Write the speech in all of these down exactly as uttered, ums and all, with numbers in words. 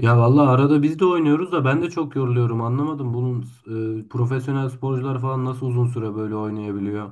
Ya vallahi arada biz de oynuyoruz da ben de çok yoruluyorum. Anlamadım bunun e, profesyonel sporcular falan nasıl uzun süre böyle oynayabiliyor?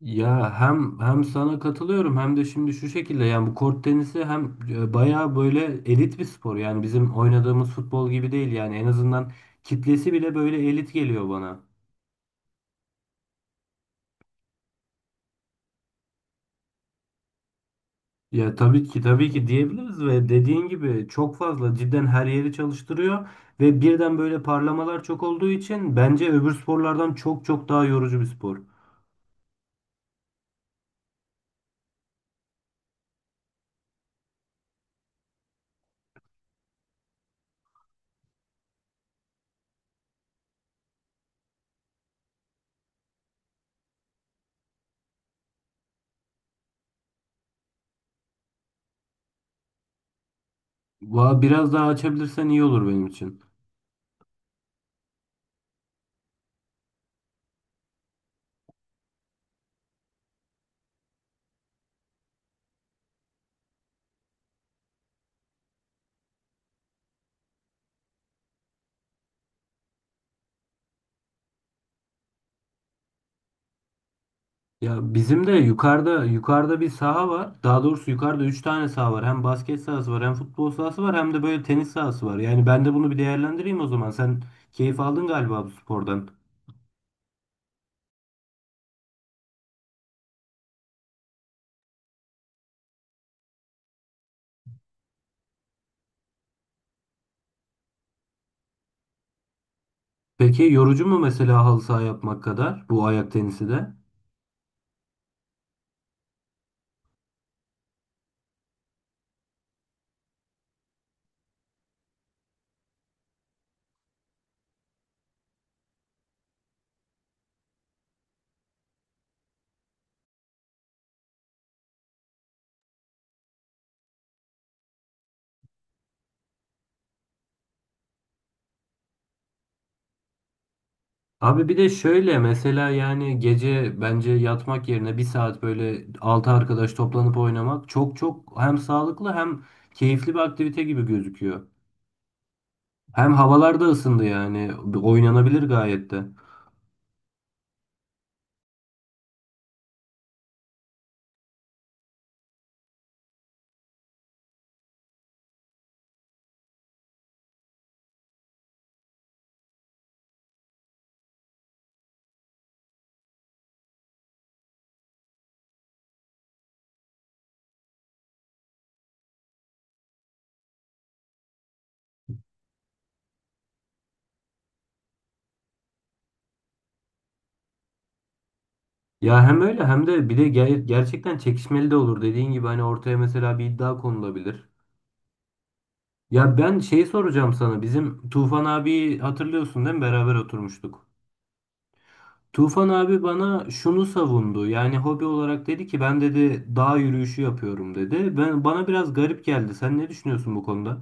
Ya hem hem sana katılıyorum hem de şimdi şu şekilde yani bu kort tenisi hem e, bayağı böyle elit bir spor. Yani bizim oynadığımız futbol gibi değil yani en azından kitlesi bile böyle elit geliyor bana. Ya tabii ki tabii ki diyebiliriz ve dediğin gibi çok fazla cidden her yeri çalıştırıyor. Ve birden böyle parlamalar çok olduğu için bence öbür sporlardan çok çok daha yorucu bir spor. Va- Biraz daha açabilirsen iyi olur benim için. Ya bizim de yukarıda yukarıda bir saha var. Daha doğrusu yukarıda üç tane saha var. Hem basket sahası var, hem futbol sahası var, hem de böyle tenis sahası var. Yani ben de bunu bir değerlendireyim o zaman. Sen keyif aldın galiba bu spordan. Peki yorucu mu mesela halı saha yapmak kadar bu ayak tenisi de? Abi bir de şöyle mesela yani gece bence yatmak yerine bir saat böyle altı arkadaş toplanıp oynamak çok çok hem sağlıklı hem keyifli bir aktivite gibi gözüküyor. Hem havalar da ısındı yani. Oynanabilir gayet de. Ya hem öyle hem de bir de ger- gerçekten çekişmeli de olur. Dediğin gibi hani ortaya mesela bir iddia konulabilir. Ya ben şey soracağım sana. Bizim Tufan abi hatırlıyorsun değil mi? Beraber oturmuştuk. Tufan abi bana şunu savundu. Yani hobi olarak dedi ki ben dedi dağ yürüyüşü yapıyorum dedi. Ben bana biraz garip geldi. Sen ne düşünüyorsun bu konuda?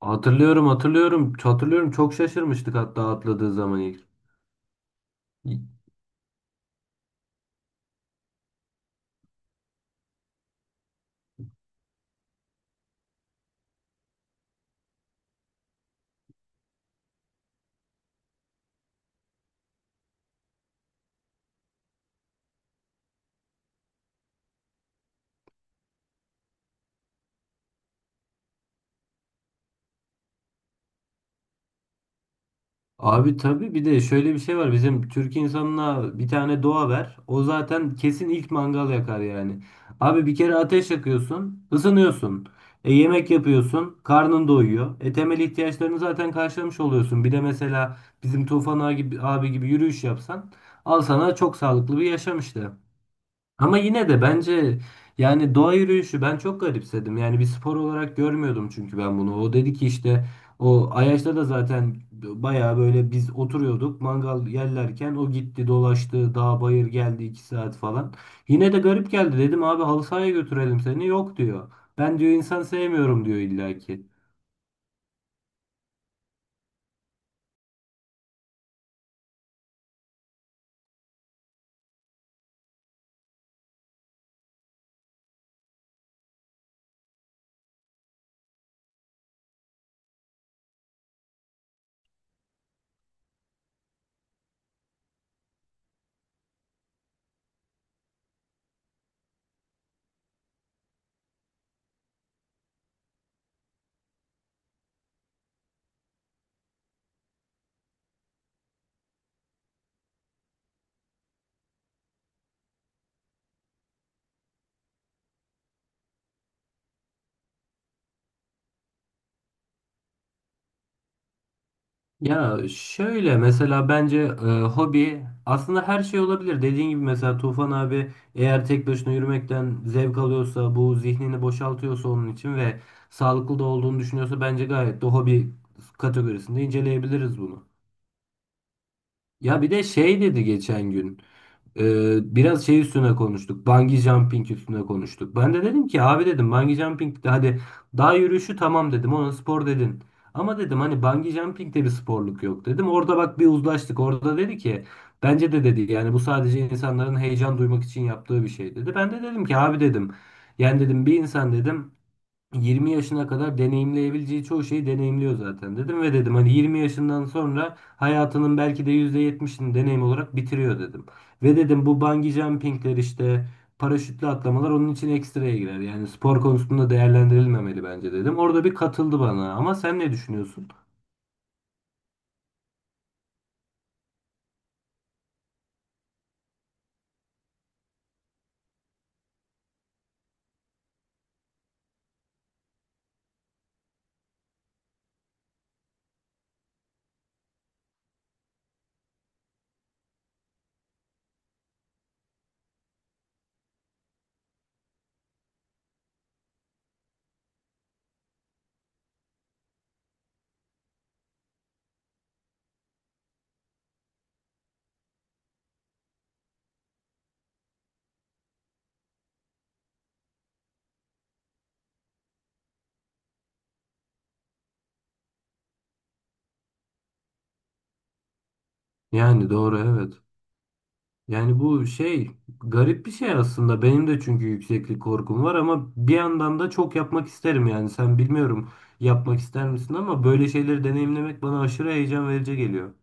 Hatırlıyorum, hatırlıyorum. Hatırlıyorum çok şaşırmıştık hatta atladığı zaman ilk. Abi tabii bir de şöyle bir şey var. Bizim Türk insanına bir tane doğa ver. O zaten kesin ilk mangal yakar yani. Abi bir kere ateş yakıyorsun, ısınıyorsun. E, yemek yapıyorsun, karnın doyuyor. E, temel ihtiyaçlarını zaten karşılamış oluyorsun. Bir de mesela bizim Tufan abi gibi, abi gibi yürüyüş yapsan al sana çok sağlıklı bir yaşam işte. Ama yine de bence yani doğa yürüyüşü ben çok garipsedim. Yani bir spor olarak görmüyordum çünkü ben bunu. O dedi ki işte o Ayaş'ta da zaten bayağı böyle biz oturuyorduk mangal yerlerken o gitti dolaştı dağ bayır geldi iki saat falan. Yine de garip geldi dedim abi halı sahaya götürelim seni yok diyor. Ben diyor insan sevmiyorum diyor illaki. Ya şöyle mesela bence e, hobi aslında her şey olabilir. Dediğin gibi mesela Tufan abi eğer tek başına yürümekten zevk alıyorsa, bu zihnini boşaltıyorsa onun için ve sağlıklı da olduğunu düşünüyorsa bence gayet de hobi kategorisinde inceleyebiliriz bunu. Ya bir de şey dedi geçen gün. Ee, biraz şey üstüne konuştuk. Bungee jumping üstüne konuştuk. Ben de dedim ki abi dedim bungee jumping de hadi dağ yürüyüşü tamam dedim ona spor dedin. Ama dedim hani bungee jumping de bir sporluk yok dedim. Orada bak bir uzlaştık. Orada dedi ki bence de dedi yani bu sadece insanların heyecan duymak için yaptığı bir şey dedi. Ben de dedim ki abi dedim yani dedim bir insan dedim yirmi yaşına kadar deneyimleyebileceği çoğu şeyi deneyimliyor zaten dedim ve dedim hani yirmi yaşından sonra hayatının belki de yüzde yetmişini deneyim olarak bitiriyor dedim. Ve dedim bu bungee jumpingler işte paraşütle atlamalar onun için ekstraya girer. Yani spor konusunda değerlendirilmemeli bence dedim. Orada bir katıldı bana ama sen ne düşünüyorsun? Yani doğru. Yani bu şey garip bir şey aslında. Benim de çünkü yükseklik korkum var ama bir yandan da çok yapmak isterim yani. Sen bilmiyorum yapmak ister misin ama böyle şeyleri deneyimlemek bana aşırı heyecan verici geliyor.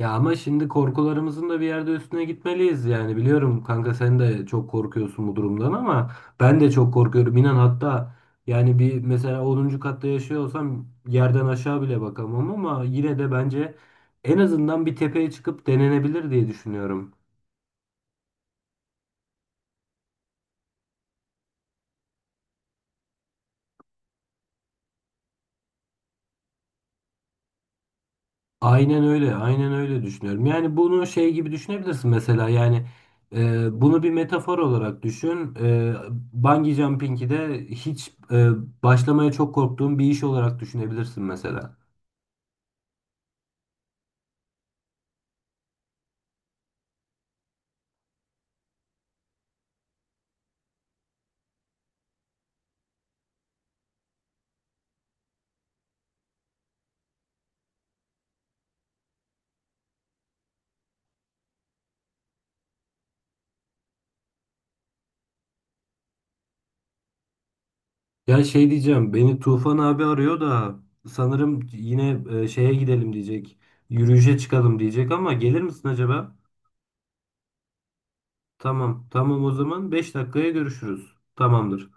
Ya ama şimdi korkularımızın da bir yerde üstüne gitmeliyiz yani. Biliyorum kanka sen de çok korkuyorsun bu durumdan ama ben de çok korkuyorum. İnan hatta yani bir mesela onuncu katta yaşıyor olsam yerden aşağı bile bakamam ama yine de bence en azından bir tepeye çıkıp denenebilir diye düşünüyorum. Aynen öyle, aynen öyle düşünüyorum. Yani bunu şey gibi düşünebilirsin mesela yani e, bunu bir metafor olarak düşün. E, bungee jumping'i de hiç e, başlamaya çok korktuğum bir iş olarak düşünebilirsin mesela. Ya şey diyeceğim, beni Tufan abi arıyor da sanırım yine e, şeye gidelim diyecek, yürüyüşe çıkalım diyecek ama gelir misin acaba? Tamam, tamam o zaman beş dakikaya görüşürüz. Tamamdır.